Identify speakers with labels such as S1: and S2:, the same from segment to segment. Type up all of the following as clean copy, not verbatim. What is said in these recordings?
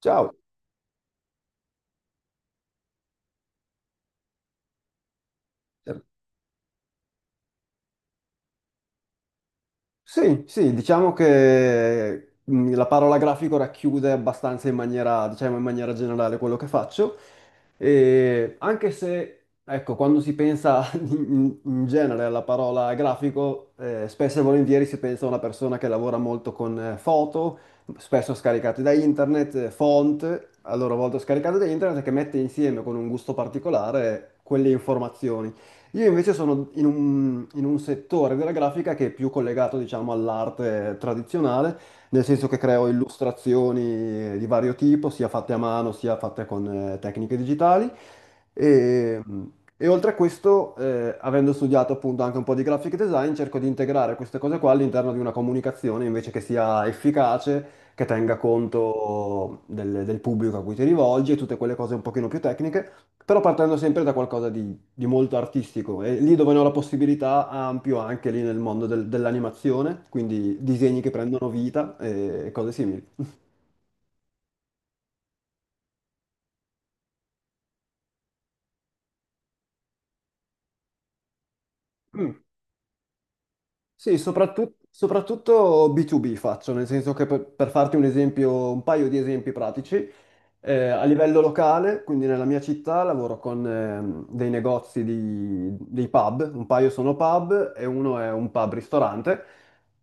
S1: Ciao. Sì, sì, diciamo che la parola grafico racchiude abbastanza in maniera, diciamo, in maniera generale quello che faccio. E anche se, ecco, quando si pensa in genere alla parola grafico, spesso e volentieri si pensa a una persona che lavora molto con foto, spesso scaricate da internet, font, a loro volta scaricate da internet, che mette insieme con un gusto particolare quelle informazioni. Io invece sono in un settore della grafica che è più collegato, diciamo, all'arte tradizionale, nel senso che creo illustrazioni di vario tipo, sia fatte a mano, sia fatte con tecniche digitali. E, e oltre a questo, avendo studiato appunto anche un po' di graphic design, cerco di integrare queste cose qua all'interno di una comunicazione invece che sia efficace, che tenga conto del pubblico a cui ti rivolgi e tutte quelle cose un pochino più tecniche, però partendo sempre da qualcosa di molto artistico e lì dove ne ho la possibilità ampio anche lì nel mondo dell'animazione, quindi disegni che prendono vita e cose simili. Mm. Sì, soprattutto, soprattutto B2B faccio, nel senso che per farti un esempio, un paio di esempi pratici, a livello locale, quindi nella mia città lavoro con dei negozi dei pub, un paio sono pub e uno è un pub-ristorante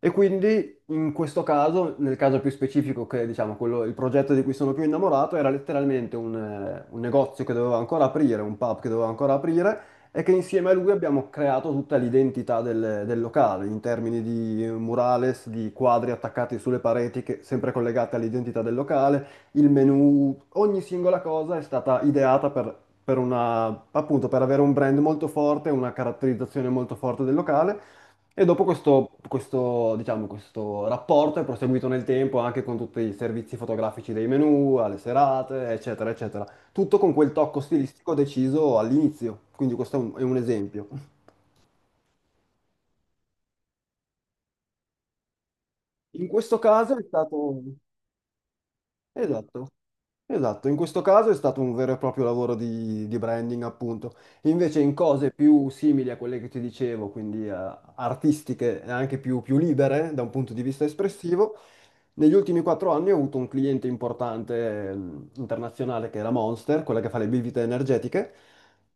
S1: e quindi in questo caso, nel caso più specifico che diciamo quello, il progetto di cui sono più innamorato era letteralmente un negozio che dovevo ancora aprire, un pub che dovevo ancora aprire e che insieme a lui abbiamo creato tutta l'identità del locale in termini di murales, di quadri attaccati sulle pareti, che, sempre collegate all'identità del locale, il menu, ogni singola cosa è stata ideata per una, appunto, per avere un brand molto forte, una caratterizzazione molto forte del locale. E dopo questo, diciamo, questo rapporto è proseguito nel tempo anche con tutti i servizi fotografici dei menu, alle serate, eccetera, eccetera tutto con quel tocco stilistico deciso all'inizio, quindi questo è un esempio. In questo caso è stato. Esatto, esatto, in questo caso è stato un vero e proprio lavoro di branding, appunto. Invece in cose più simili a quelle che ti dicevo, quindi artistiche e anche più libere da un punto di vista espressivo, negli ultimi 4 anni ho avuto un cliente importante internazionale che è la Monster, quella che fa le bibite energetiche,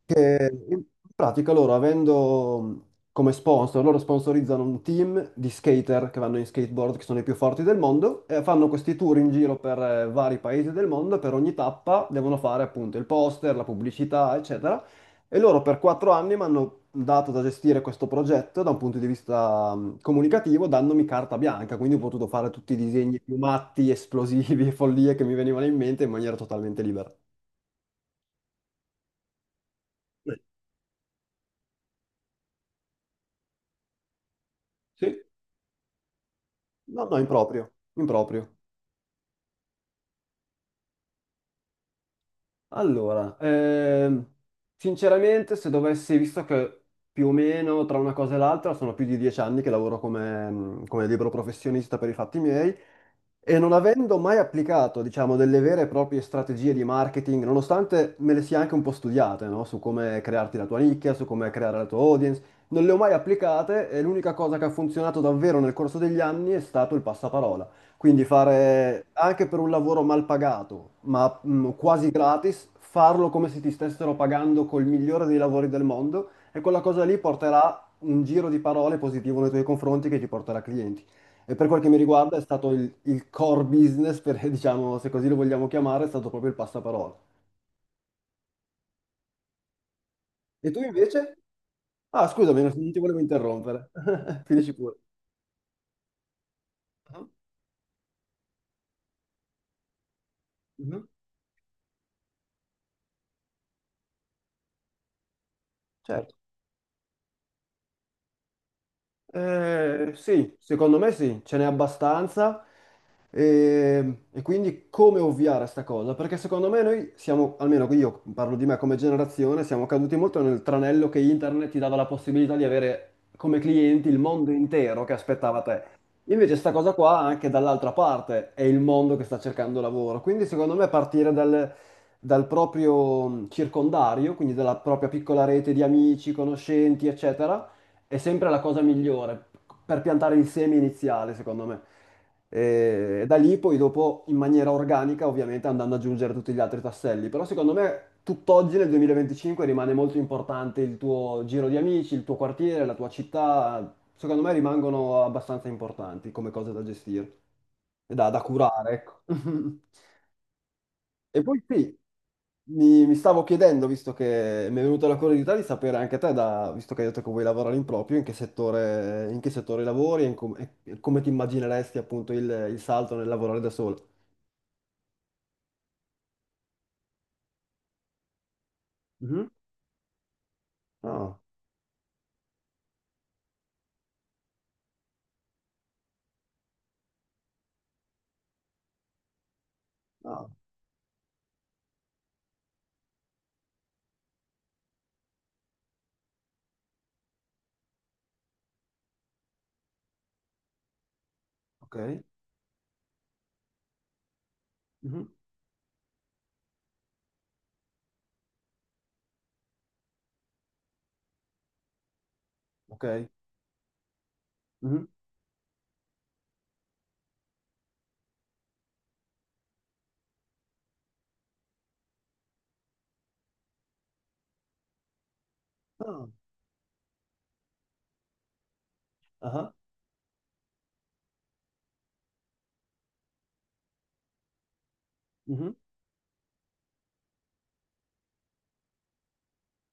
S1: che in pratica loro avendo come sponsor, loro sponsorizzano un team di skater che vanno in skateboard, che sono i più forti del mondo, e fanno questi tour in giro per vari paesi del mondo, e per ogni tappa devono fare appunto il poster, la pubblicità, eccetera. E loro per 4 anni mi hanno dato da gestire questo progetto da un punto di vista comunicativo, dandomi carta bianca, quindi ho potuto fare tutti i disegni più matti, esplosivi e follie che mi venivano in mente in maniera totalmente libera. Sì. No, no, improprio, improprio. Allora, sinceramente, se dovessi, visto che più o meno tra una cosa e l'altra sono più di 10 anni che lavoro come libero professionista per i fatti miei e non avendo mai applicato, diciamo, delle vere e proprie strategie di marketing, nonostante me le sia anche un po' studiate, no? Su come crearti la tua nicchia, su come creare la tua audience, non le ho mai applicate e l'unica cosa che ha funzionato davvero nel corso degli anni è stato il passaparola. Quindi fare anche per un lavoro mal pagato, ma quasi gratis, farlo come se ti stessero pagando col migliore dei lavori del mondo e quella cosa lì porterà un giro di parole positivo nei tuoi confronti che ti porterà clienti. E per quel che mi riguarda è stato il core business, diciamo, se così lo vogliamo chiamare, è stato proprio il passaparola. E tu invece? Ah, scusami, non ti volevo interrompere. Finisci pure. Mhm, mhm. Certo. Sì, secondo me sì, ce n'è abbastanza e quindi come ovviare a sta cosa? Perché secondo me noi siamo, almeno io parlo di me come generazione, siamo caduti molto nel tranello che internet ti dava la possibilità di avere come clienti il mondo intero che aspettava te. Invece sta cosa qua anche dall'altra parte è il mondo che sta cercando lavoro, quindi secondo me partire dal proprio circondario, quindi dalla propria piccola rete di amici, conoscenti, eccetera è sempre la cosa migliore per piantare il seme iniziale, secondo me. E da lì poi dopo in maniera organica, ovviamente andando ad aggiungere tutti gli altri tasselli, però secondo me tutt'oggi nel 2025 rimane molto importante il tuo giro di amici, il tuo quartiere, la tua città, secondo me rimangono abbastanza importanti come cose da gestire e da curare, ecco. E poi sì, mi stavo chiedendo, visto che mi è venuta la curiosità di sapere anche te, visto che hai detto che vuoi lavorare in proprio, in che settore lavori e come ti immagineresti appunto il salto nel lavorare da solo. Mhm. Ah, ah, ok. Mhm. Ok. Mhm. Ah, ah, mhm.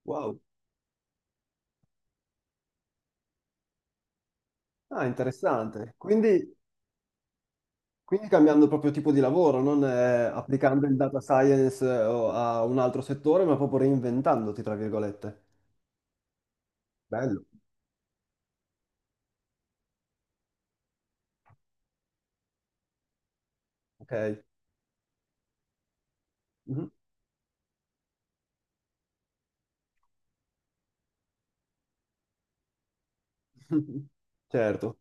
S1: Wow. Ah, interessante. Quindi cambiando proprio tipo di lavoro, non applicando il data science o a un altro settore, ma proprio reinventandoti, tra virgolette. Bello. Ok. Mhm. Certo.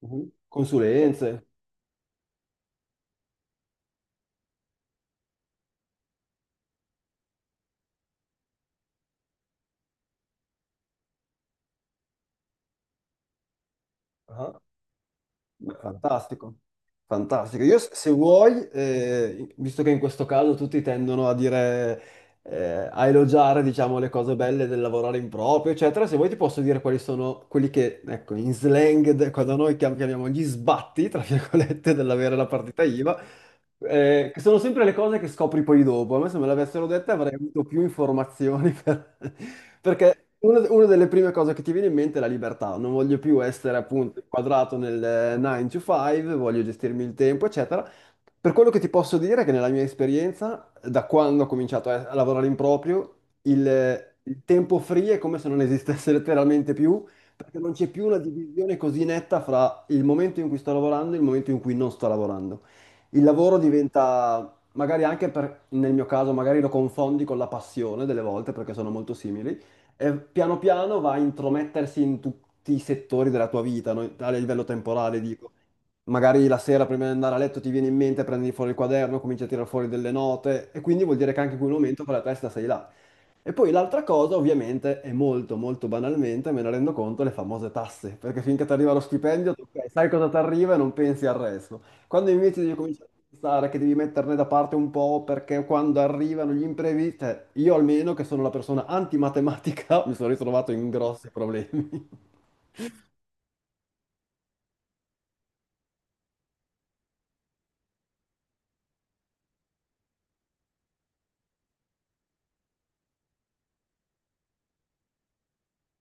S1: Mhm. Consulenze. Ah, beh, fantastico. Fantastico. Io se vuoi, visto che in questo caso tutti tendono a dire, a elogiare, diciamo, le cose belle del lavorare in proprio, eccetera, se vuoi ti posso dire quali sono quelli che, ecco, in slang, cosa noi chiamiamo gli sbatti, tra virgolette, dell'avere la partita IVA, che sono sempre le cose che scopri poi dopo. A me se me l'avessero detta avrei avuto più informazioni perché una delle prime cose che ti viene in mente è la libertà. Non voglio più essere appunto inquadrato nel 9 to 5, voglio gestirmi il tempo, eccetera. Per quello che ti posso dire è che nella mia esperienza, da quando ho cominciato a lavorare in proprio, il tempo free è come se non esistesse letteralmente più, perché non c'è più una divisione così netta fra il momento in cui sto lavorando e il momento in cui non sto lavorando. Il lavoro diventa, magari anche nel mio caso, magari lo confondi con la passione delle volte perché sono molto simili, e piano piano va a intromettersi in tutti i settori della tua vita, no? A livello temporale, dico. Magari la sera prima di andare a letto ti viene in mente, prendi fuori il quaderno, cominci a tirare fuori delle note e quindi vuol dire che anche in quel momento con la testa sei là. E poi l'altra cosa, ovviamente, è molto, molto banalmente, me ne rendo conto, le famose tasse, perché finché ti arriva lo stipendio, tu, ok, sai cosa ti arriva e non pensi al resto. Quando invece devi cominciare a pensare che devi metterne da parte un po' perché quando arrivano gli imprevisti, cioè, io almeno che sono la persona antimatematica, mi sono ritrovato in grossi problemi.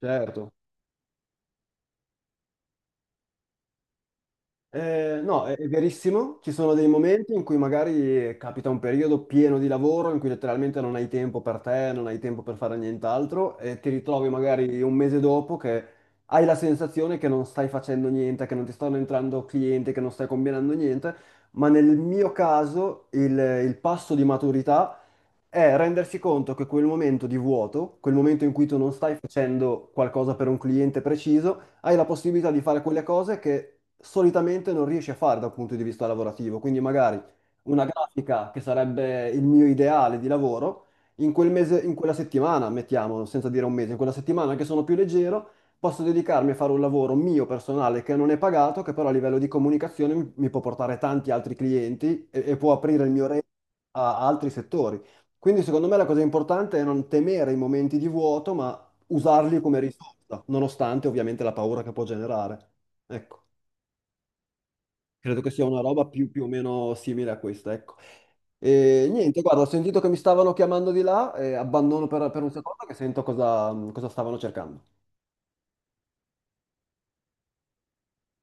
S1: Certo. No, è verissimo, ci sono dei momenti in cui magari capita un periodo pieno di lavoro in cui letteralmente non hai tempo per te, non hai tempo per fare nient'altro e ti ritrovi magari un mese dopo che hai la sensazione che non stai facendo niente, che non ti stanno entrando clienti, che non stai combinando niente, ma nel mio caso il passo di maturità è rendersi conto che quel momento di vuoto, quel momento in cui tu non stai facendo qualcosa per un cliente preciso, hai la possibilità di fare quelle cose che solitamente non riesci a fare dal punto di vista lavorativo. Quindi magari una grafica che sarebbe il mio ideale di lavoro, in quel mese, in quella settimana, mettiamo, senza dire un mese, in quella settimana che sono più leggero, posso dedicarmi a fare un lavoro mio personale che non è pagato, che però a livello di comunicazione mi può portare tanti altri clienti e può aprire il mio a altri settori. Quindi secondo me la cosa importante è non temere i momenti di vuoto, ma usarli come risorsa, nonostante ovviamente la paura che può generare. Ecco. Credo che sia una roba più o meno simile a questa, ecco. E niente, guarda, ho sentito che mi stavano chiamando di là, e abbandono per un secondo che sento cosa stavano cercando.